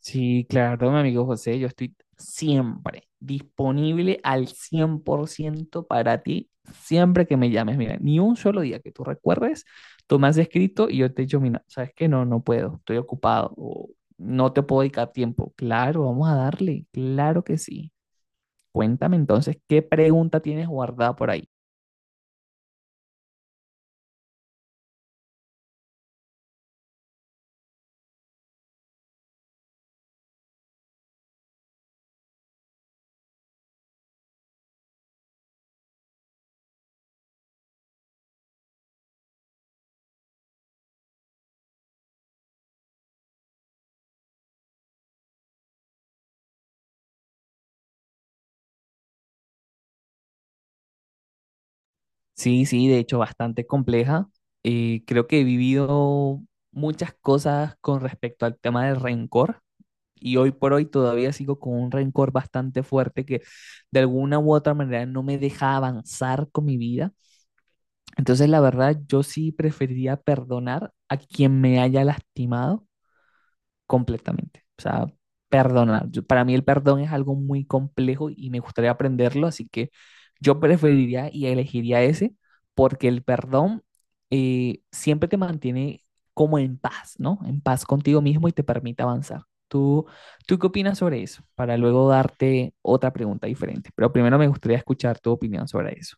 Sí, claro, mi amigo José, yo estoy siempre disponible al 100% para ti, siempre que me llames. Mira, ni un solo día que tú recuerdes, tú me has escrito y yo te he dicho, mira, ¿sabes qué? No puedo, estoy ocupado o no te puedo dedicar tiempo. Claro, vamos a darle, claro que sí. Cuéntame entonces, ¿qué pregunta tienes guardada por ahí? Sí, de hecho, bastante compleja. Creo que he vivido muchas cosas con respecto al tema del rencor. Y hoy por hoy todavía sigo con un rencor bastante fuerte que de alguna u otra manera no me deja avanzar con mi vida. Entonces, la verdad, yo sí preferiría perdonar a quien me haya lastimado completamente. O sea, perdonar. Para mí el perdón es algo muy complejo y me gustaría aprenderlo, así que yo preferiría y elegiría ese, porque el perdón siempre te mantiene como en paz, ¿no? En paz contigo mismo, y te permite avanzar. ¿Tú, tú qué opinas sobre eso? Para luego darte otra pregunta diferente, pero primero me gustaría escuchar tu opinión sobre eso.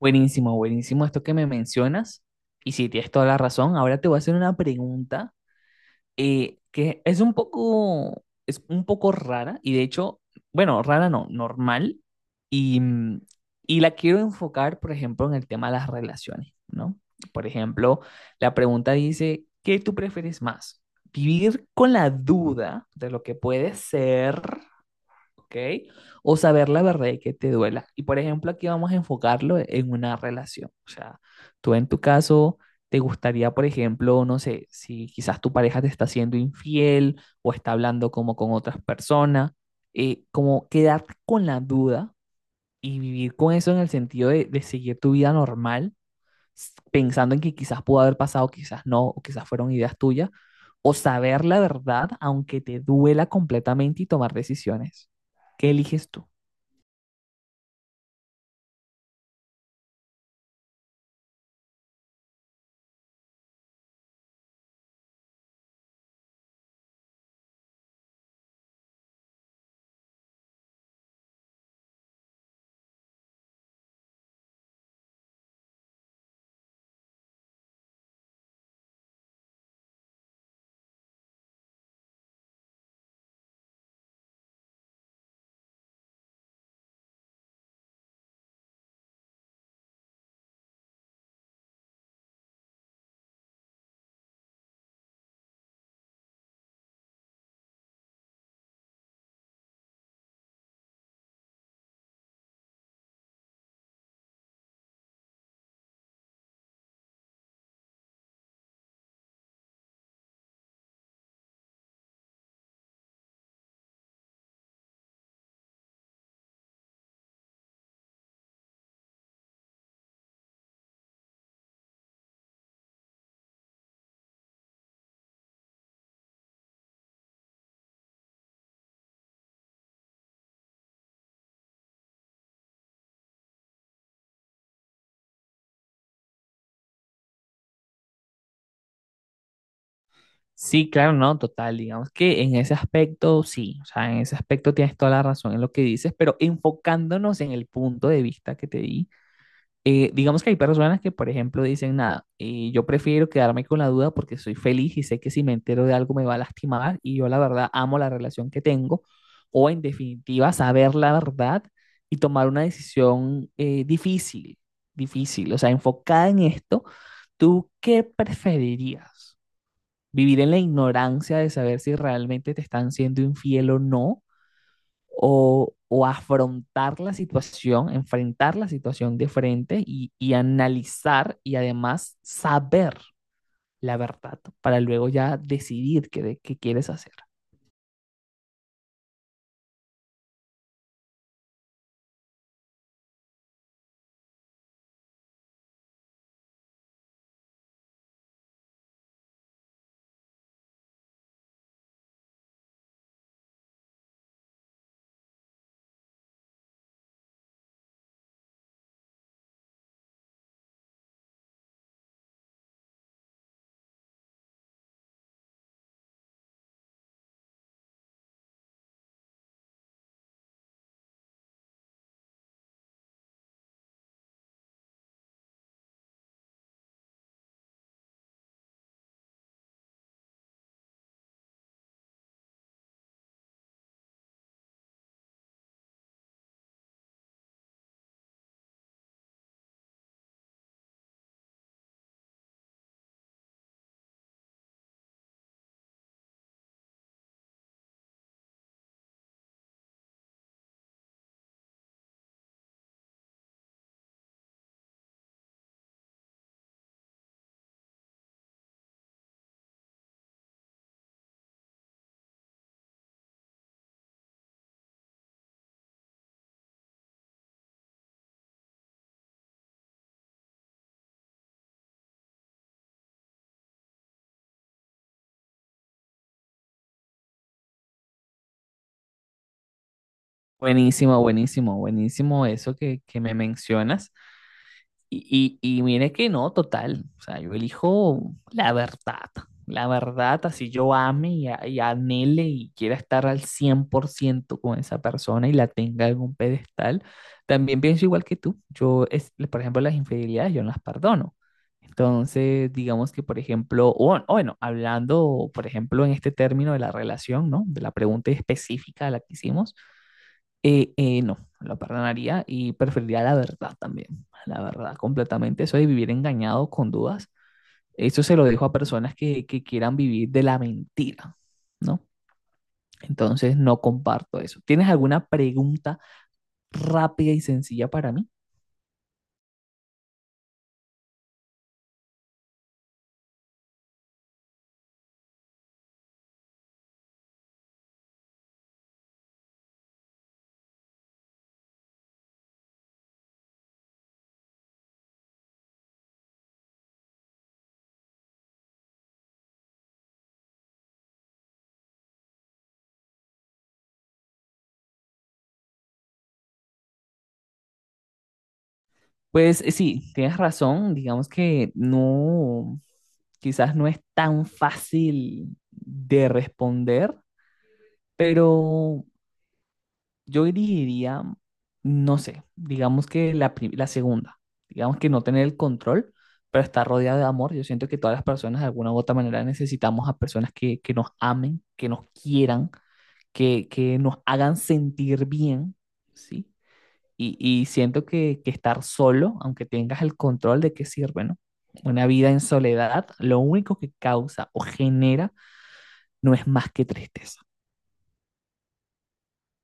Buenísimo, buenísimo esto que me mencionas. Y si tienes toda la razón. Ahora te voy a hacer una pregunta que es un poco rara, y de hecho, bueno, rara no, normal. Y y la quiero enfocar, por ejemplo, en el tema de las relaciones, ¿no? Por ejemplo, la pregunta dice, ¿qué tú prefieres más? ¿Vivir con la duda de lo que puede ser, ok? ¿O saber la verdad y que te duela? Y por ejemplo, aquí vamos a enfocarlo en una relación. O sea, tú en tu caso, te gustaría, por ejemplo, no sé, si quizás tu pareja te está siendo infiel o está hablando como con otras personas, ¿como quedarte con la duda y vivir con eso en el sentido de seguir tu vida normal, pensando en que quizás pudo haber pasado, quizás no, o quizás fueron ideas tuyas, o saber la verdad aunque te duela completamente y tomar decisiones? ¿Qué eliges tú? Sí, claro, no, total, digamos que en ese aspecto sí. O sea, en ese aspecto tienes toda la razón en lo que dices, pero enfocándonos en el punto de vista que te di, digamos que hay personas que, por ejemplo, dicen, nada, y yo prefiero quedarme con la duda porque soy feliz y sé que si me entero de algo me va a lastimar y yo la verdad amo la relación que tengo, o en definitiva, saber la verdad y tomar una decisión difícil, difícil. O sea, enfocada en esto, ¿tú qué preferirías? ¿Vivir en la ignorancia de saber si realmente te están siendo infiel o no? ¿O, o afrontar la situación, enfrentar la situación de frente, y analizar y además saber la verdad para luego ya decidir qué quieres hacer? Buenísimo, buenísimo, buenísimo eso que me mencionas. Y mire que no, total. O sea, yo elijo la verdad. La verdad, así yo ame y y anhele y quiera estar al 100% con esa persona y la tenga en un pedestal, también pienso igual que tú. Yo, es, por ejemplo, las infidelidades yo no las perdono. Entonces, digamos que, por ejemplo, o bueno, hablando, por ejemplo, en este término de la relación, ¿no? De la pregunta específica a la que hicimos, no, lo perdonaría y preferiría la verdad también, la verdad completamente. Eso de vivir engañado con dudas, eso se lo dejo a personas que quieran vivir de la mentira, ¿no? Entonces no comparto eso. ¿Tienes alguna pregunta rápida y sencilla para mí? Pues sí, tienes razón, digamos que no, quizás no es tan fácil de responder, pero yo elegiría, no sé, digamos que la segunda, digamos que no tener el control, pero estar rodeado de amor. Yo siento que todas las personas de alguna u otra manera necesitamos a personas que nos amen, que nos quieran, que nos hagan sentir bien, ¿sí? Y siento que estar solo, aunque tengas el control, ¿de qué sirve, no? Una vida en soledad, lo único que causa o genera no es más que tristeza.